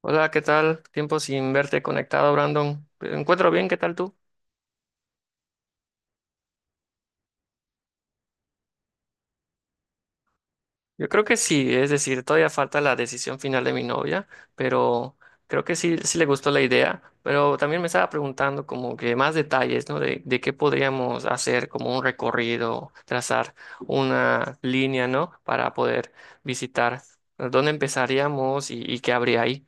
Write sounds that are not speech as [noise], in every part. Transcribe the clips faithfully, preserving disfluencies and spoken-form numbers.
Hola, ¿qué tal? Tiempo sin verte conectado, Brandon. Me encuentro bien, ¿qué tal tú? Yo creo que sí, es decir, todavía falta la decisión final de mi novia, pero creo que sí, sí le gustó la idea, pero también me estaba preguntando como que más detalles, ¿no? De, de qué podríamos hacer como un recorrido, trazar una línea, ¿no? Para poder visitar dónde empezaríamos y, y qué habría ahí.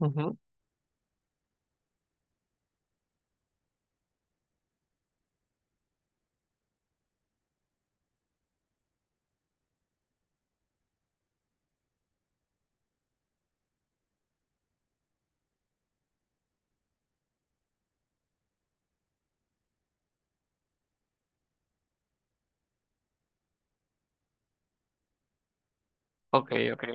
Ujú. Ok, ok.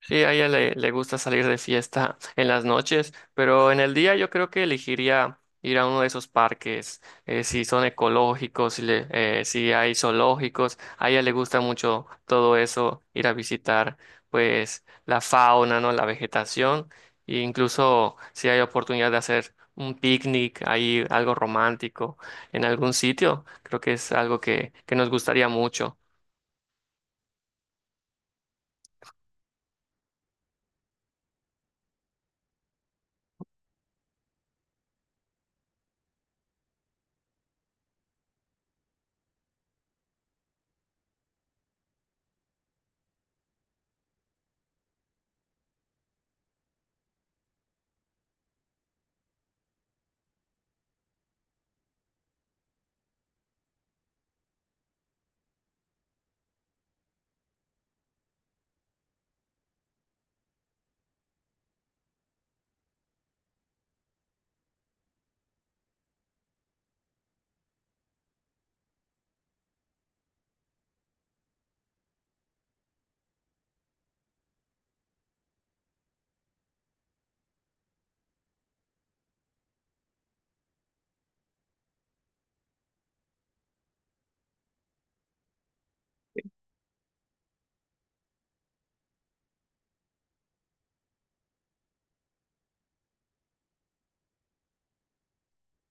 Sí, a ella le, le gusta salir de fiesta en las noches, pero en el día yo creo que elegiría ir a uno de esos parques, eh, si son ecológicos, si, le- eh, si hay zoológicos, a ella le gusta mucho todo eso, ir a visitar pues la fauna, ¿no? La vegetación, e incluso si hay oportunidad de hacer un picnic ahí, algo romántico en algún sitio, creo que es algo que, que nos gustaría mucho.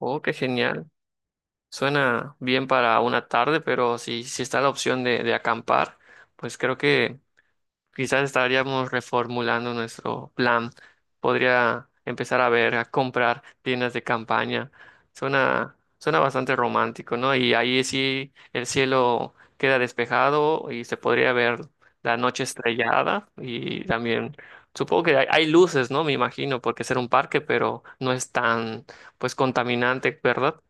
Oh, qué genial. Suena bien para una tarde, pero si, si está la opción de, de acampar, pues creo que quizás estaríamos reformulando nuestro plan. Podría empezar a ver, a comprar tiendas de campaña. Suena, suena bastante romántico, ¿no? Y ahí sí el cielo queda despejado y se podría ver la noche estrellada y también supongo que hay, hay luces, ¿no? Me imagino, porque ser un parque, pero no es tan, pues, contaminante, ¿verdad?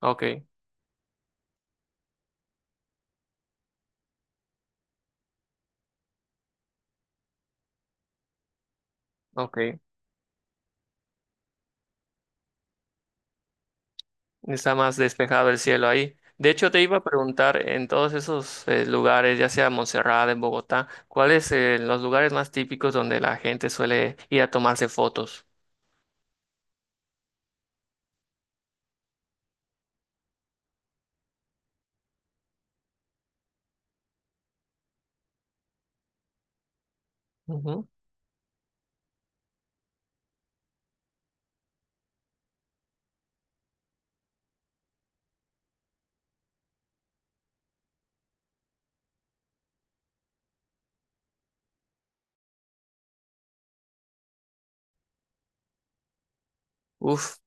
Ok. Ok, está más despejado el cielo ahí. De hecho, te iba a preguntar en todos esos eh, lugares, ya sea Montserrat, en Bogotá, ¿cuáles son los lugares más típicos donde la gente suele ir a tomarse fotos? Ujú. Uf,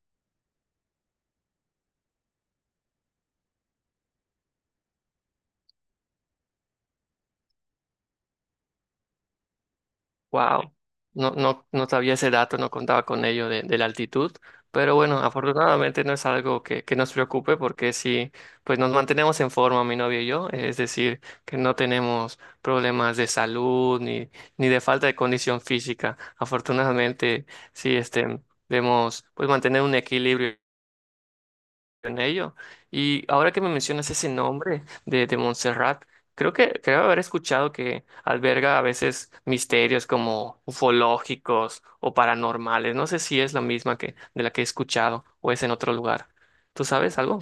wow, no, no, no sabía ese dato, no contaba con ello de, de la altitud, pero bueno, afortunadamente no es algo que, que nos preocupe porque sí, pues nos mantenemos en forma, mi novia y yo, es decir, que no tenemos problemas de salud ni, ni de falta de condición física. Afortunadamente, sí, este, debemos pues mantener un equilibrio en ello. Y ahora que me mencionas ese nombre de, de Montserrat, creo que creo haber escuchado que alberga a veces misterios como ufológicos o paranormales. No sé si es la misma que de la que he escuchado o es en otro lugar. ¿Tú sabes algo?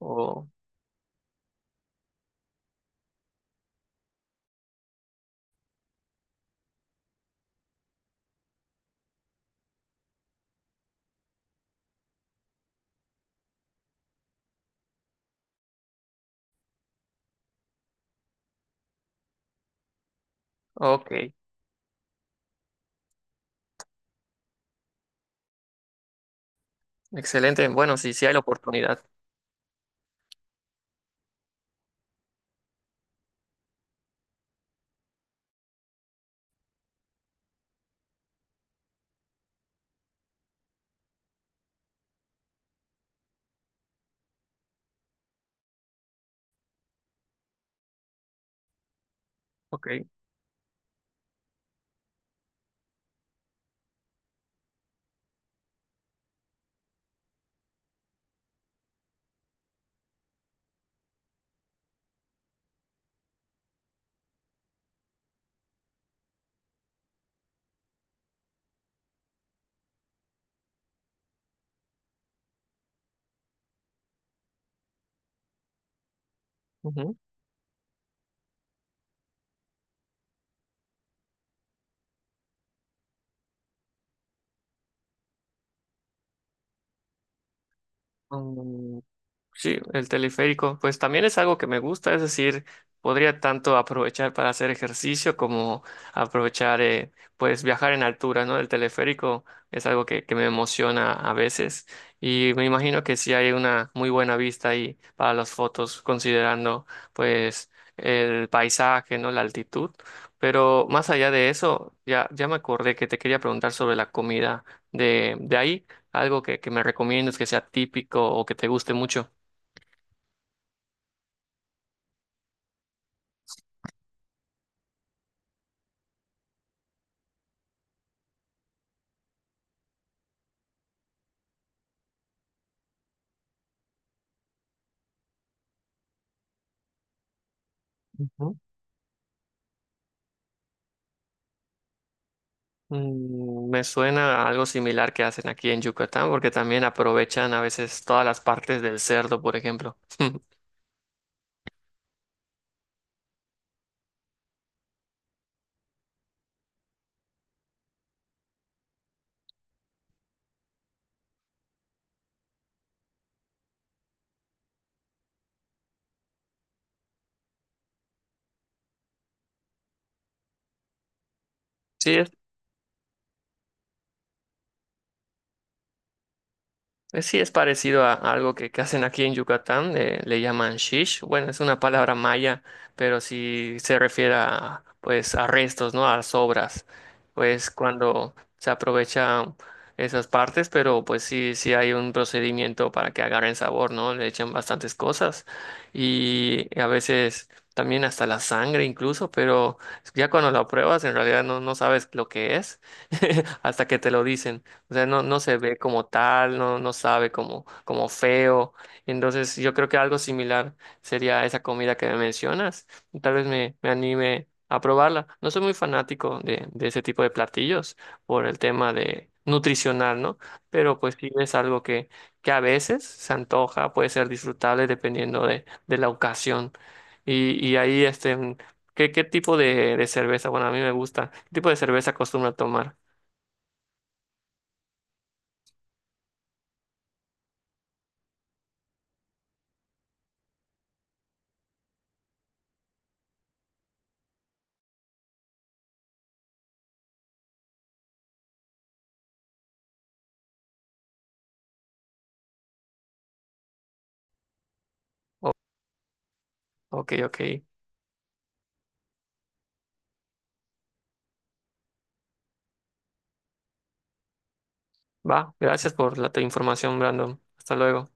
O ok, excelente. Bueno, sí, sí hay la oportunidad. Ok. Ujú. Sí, el teleférico, pues también es algo que me gusta, es decir, podría tanto aprovechar para hacer ejercicio como aprovechar, eh, pues viajar en altura, ¿no? El teleférico es algo que, que me emociona a veces y me imagino que sí hay una muy buena vista ahí para las fotos, considerando pues el paisaje, ¿no? La altitud. Pero más allá de eso, ya, ya me acordé que te quería preguntar sobre la comida de, de ahí, algo que, que me recomiendas que sea típico o que te guste mucho. Ujú. Mm, me suena a algo similar que hacen aquí en Yucatán, porque también aprovechan a veces todas las partes del cerdo, por ejemplo. [laughs] Sí, pues sí, es parecido a a algo que, que hacen aquí en Yucatán, eh, le llaman shish. Bueno, es una palabra maya, pero sí se refiere a, pues, a restos, ¿no? A sobras. Pues cuando se aprovecha esas partes, pero pues sí, sí hay un procedimiento para que agarren sabor, ¿no? Le echan bastantes cosas y a veces también hasta la sangre incluso, pero ya cuando la pruebas en realidad no, no sabes lo que es [laughs] hasta que te lo dicen. O sea, no, no se ve como tal, no, no sabe como, como feo. Entonces, yo creo que algo similar sería esa comida que me mencionas. Tal vez me, me anime a probarla. No soy muy fanático de, de ese tipo de platillos por el tema de nutricional, ¿no? Pero pues sí es algo que, que a veces se antoja, puede ser disfrutable dependiendo de, de la ocasión. Y, y ahí, este, mm, ¿qué, ¿qué tipo de, de cerveza? Bueno, a mí me gusta. ¿Qué tipo de cerveza acostumbra tomar? O- ok, ok. Va, gracias por la te- información, Brandon. Hasta luego.